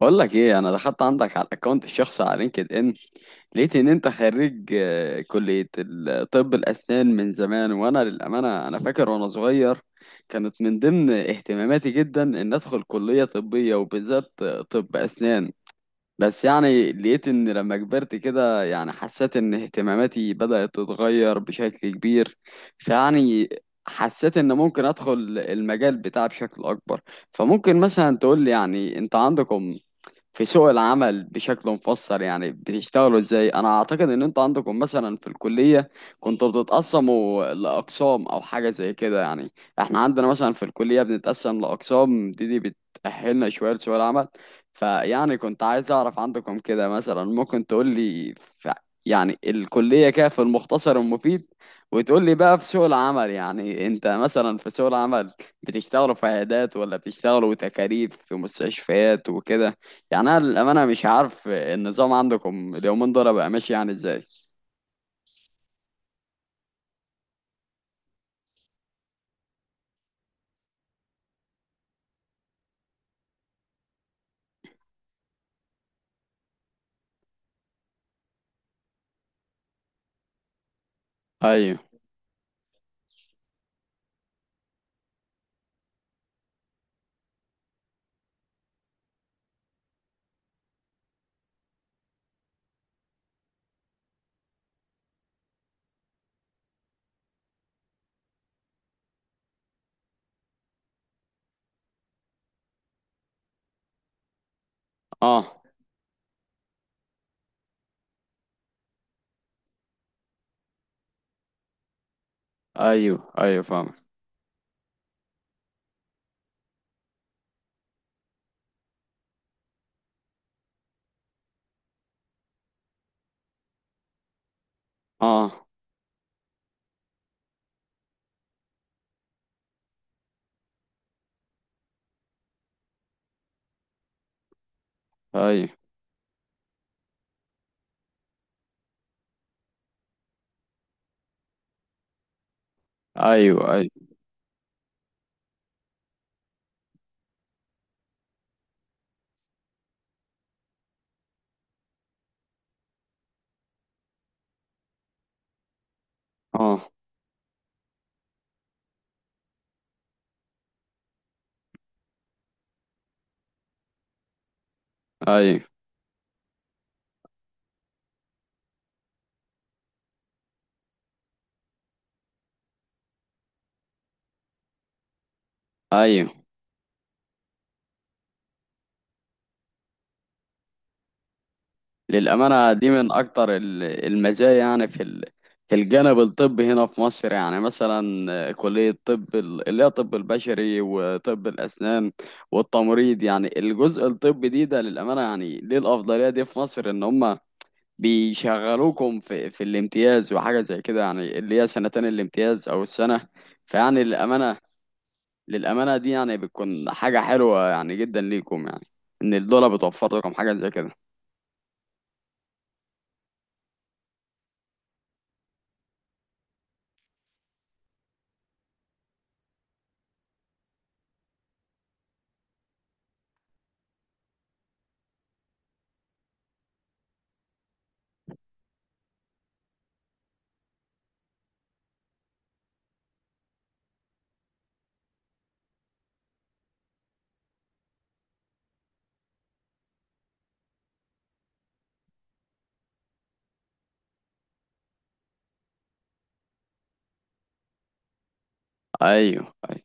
بقول لك ايه، انا دخلت عندك على الاكونت الشخصي على لينكد ان. لقيت ان انت خريج كلية طب الاسنان من زمان، وانا للامانة انا فاكر وانا صغير كانت من ضمن اهتماماتي جدا ان ادخل كلية طبية، وبالذات طب اسنان. بس يعني لقيت ان لما كبرت كده، يعني حسيت ان اهتماماتي بدأت تتغير بشكل كبير. فيعني حسيت ان ممكن ادخل المجال بتاعي بشكل اكبر. فممكن مثلا تقول لي، يعني انت عندكم في سوق العمل بشكل مفصل، يعني بتشتغلوا ازاي؟ انا اعتقد ان انتوا عندكم مثلا في الكلية كنتوا بتتقسموا لاقسام او حاجة زي كده. يعني احنا عندنا مثلا في الكلية بنتقسم لاقسام دي بتأهلنا شوية لسوق العمل. فيعني كنت عايز اعرف عندكم كده، مثلا ممكن تقول لي يعني الكلية كده في المختصر المفيد، وتقول لي بقى في سوق العمل. يعني انت مثلا في سوق العمل بتشتغلوا في عيادات، ولا بتشتغلوا تكاريف في مستشفيات وكده؟ يعني انا للامانه مش عارف النظام عندكم اليومين دول بقى ماشي يعني ازاي. ايوه. اه. ايوه ايوه، فاهم. اه. ايوه ايوه ايوه. اه. ايوه ايوه. للامانه دي من اكتر المزايا، يعني في في الجانب الطبي هنا في مصر. يعني مثلا كليه طب اللي هي طب البشري وطب الاسنان والتمريض، يعني الجزء الطبي دي ده للامانه، يعني ليه الافضليه دي في مصر؟ ان هم بيشغلوكم في الامتياز وحاجة زي كده، يعني اللي هي سنتين الامتياز أو السنة. فيعني للأمانة، للأمانة دي يعني بتكون حاجة حلوة يعني جدا ليكم، يعني إن الدولة بتوفر لكم حاجة زي كده. أيوه أيوه.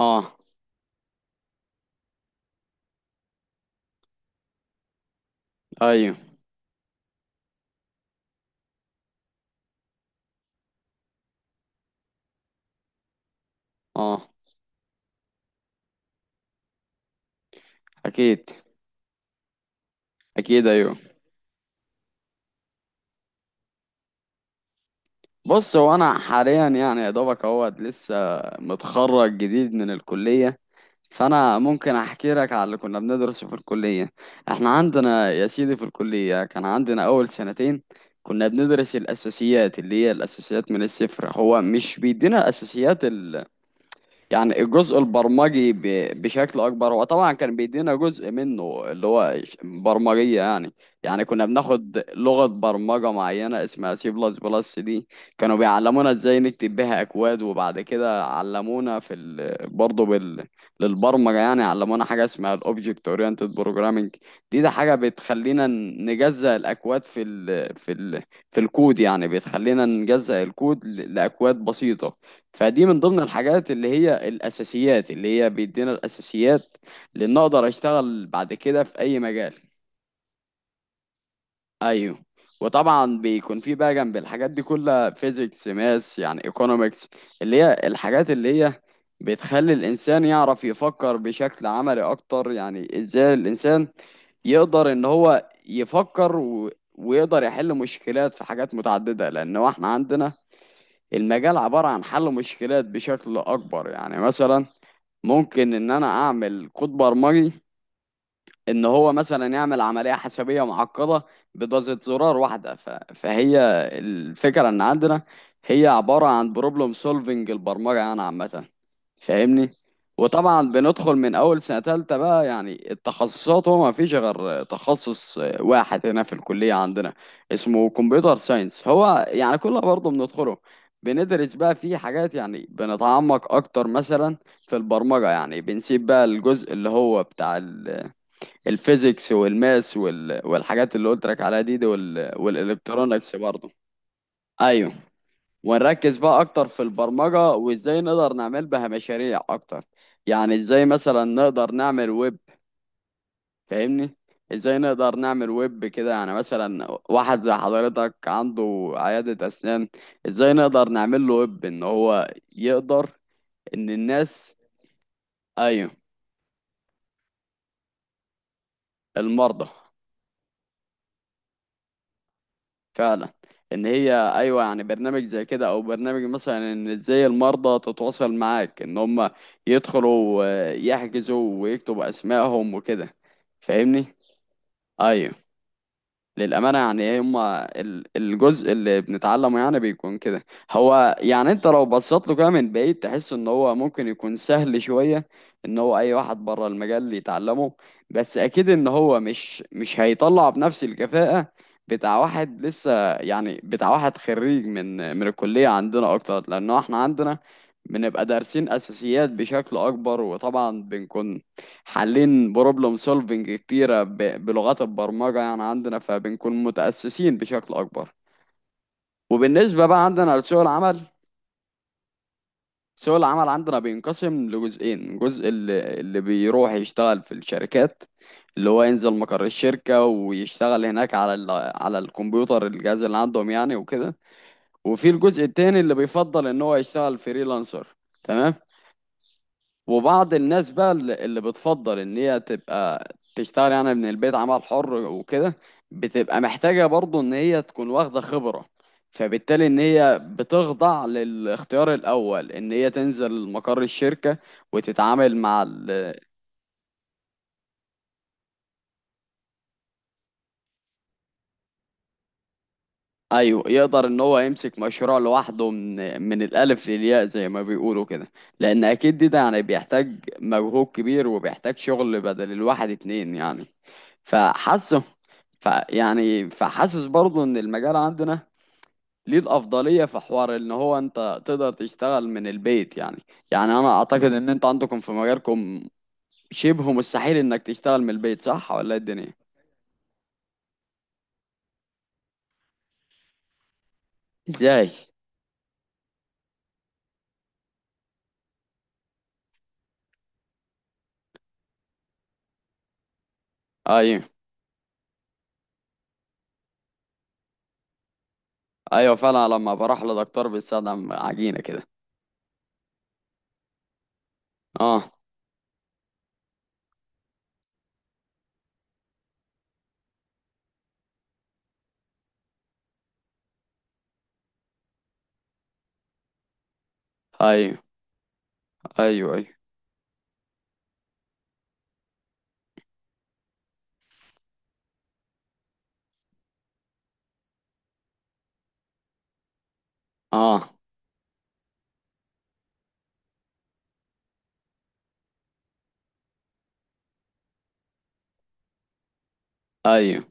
أه. أيوه. أه. أكيد. أكيد أيوه. بص، هو أنا حاليا يعني يا دوبك أهوت لسه، متخرج جديد من الكلية. فانا ممكن احكي لك على اللي كنا بندرسه في الكليه. احنا عندنا يا سيدي في الكليه كان عندنا اول سنتين كنا بندرس الاساسيات، اللي هي الاساسيات من الصفر. هو مش بيدينا الاساسيات، يعني الجزء البرمجي بشكل اكبر. هو طبعا كان بيدينا جزء منه اللي هو برمجيه يعني. يعني كنا بناخد لغه برمجه معينه اسمها سي بلس بلس دي. كانوا بيعلمونا ازاي نكتب بيها اكواد، وبعد كده علمونا في برضه للبرمجه. يعني علمونا حاجه اسمها الاوبجكت اورينتد بروجرامنج. دي ده حاجه بتخلينا نجزأ الاكواد في في في الكود، يعني بتخلينا نجزأ الكود لاكواد بسيطه. فدي من ضمن الحاجات اللي هي الأساسيات، اللي هي بيدينا الأساسيات لأن أقدر أشتغل بعد كده في أي مجال. أيوه. وطبعا بيكون في بقى جنب الحاجات دي كلها فيزيكس، ماس يعني ايكونومكس، اللي هي الحاجات اللي هي بتخلي الإنسان يعرف يفكر بشكل عملي أكتر. يعني إزاي الإنسان يقدر إن هو يفكر ويقدر يحل مشكلات في حاجات متعددة، لأن هو إحنا عندنا المجال عبارة عن حل مشكلات بشكل أكبر. يعني مثلا ممكن ان انا اعمل كود برمجي ان هو مثلا يعمل عمليه حسابيه معقده بدوسة زرار واحده، فهي الفكره ان عندنا هي عباره عن بروبلم سولفنج البرمجه يعني عامه، فاهمني. وطبعا بندخل من اول سنه تالتة بقى يعني التخصصات. هو ما فيش غير تخصص واحد هنا في الكليه عندنا، اسمه كمبيوتر ساينس. هو يعني كله برضه بندخله. بندرس بقى فيه حاجات، يعني بنتعمق اكتر مثلا في البرمجه، يعني بنسيب بقى الجزء اللي هو بتاع الفيزيكس والماس والحاجات اللي قلت لك عليها دي والالكترونكس برضه. ايوه. ونركز بقى اكتر في البرمجه، وازاي نقدر نعمل بها مشاريع اكتر. يعني ازاي مثلا نقدر نعمل ويب، فاهمني؟ ازاي نقدر نعمل ويب، كده يعني مثلا واحد زي حضرتك عنده عياده اسنان، ازاي نقدر نعمل له ويب ان هو يقدر، ان الناس. ايوه، المرضى. فعلا. ان هي، ايوه، يعني برنامج زي كده، او برنامج مثلا ان ازاي المرضى تتواصل معاك، ان هم يدخلوا يحجزوا ويكتبوا اسمائهم وكده، فاهمني. ايوه. للأمانة يعني ايه هما الجزء اللي بنتعلمه يعني بيكون كده. هو يعني انت لو بصيت له كده من بعيد تحس ان هو ممكن يكون سهل شوية، ان هو اي واحد بره المجال يتعلمه. بس اكيد ان هو مش هيطلع بنفس الكفاءة بتاع واحد لسه، يعني بتاع واحد خريج من الكلية عندنا اكتر، لانه احنا عندنا بنبقى دارسين اساسيات بشكل اكبر. وطبعا بنكون حالين بروبلم سولفنج كتيرة بلغات البرمجة يعني عندنا، فبنكون متأسسين بشكل أكبر. وبالنسبة بقى عندنا لسوق العمل، سوق العمل عندنا بينقسم لجزئين: جزء اللي بيروح يشتغل في الشركات، اللي هو ينزل مقر الشركة ويشتغل هناك على الكمبيوتر، الجهاز اللي عندهم يعني وكده. وفي الجزء التاني اللي بيفضل إن هو يشتغل فريلانسر. تمام. وبعض الناس بقى اللي بتفضل ان هي تبقى تشتغل يعني من البيت، عمل حر وكده. بتبقى محتاجة برضو ان هي تكون واخدة خبرة. فبالتالي ان هي بتخضع للاختيار الاول، ان هي تنزل مقر الشركة وتتعامل مع ايوه. يقدر ان هو يمسك مشروع لوحده من الالف للياء زي ما بيقولوا كده. لان اكيد دي ده يعني بيحتاج مجهود كبير، وبيحتاج شغل بدل الواحد اتنين يعني. فحاسه ف يعني فحاسس برضه ان المجال عندنا ليه الافضليه في حوار، ان هو انت تقدر تشتغل من البيت يعني. يعني انا اعتقد ان انت عندكم في مجالكم شبه مستحيل انك تشتغل من البيت، صح ولا إيه الدنيا؟ ازاي؟ ايوه ايوه، فعلا لما بروح لدكتور بيستخدم عجينه كده. اه. ايوه ايوه ايوه. اه. ايوه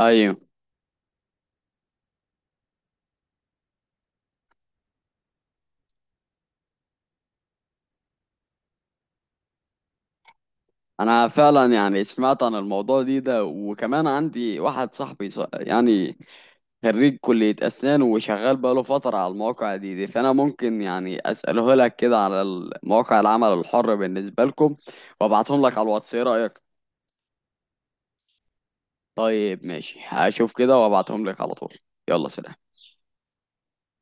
ايوه. انا فعلا يعني سمعت عن الموضوع دي ده، وكمان عندي واحد صاحبي يعني خريج كلية اسنان وشغال بقاله فترة على المواقع دي. فانا ممكن يعني اساله لك كده على مواقع العمل الحر بالنسبة لكم، وابعتهم لك على الواتس. ايه رأيك؟ طيب، ماشي، هشوف كده وابعتهم لك على طول. يلا، سلام.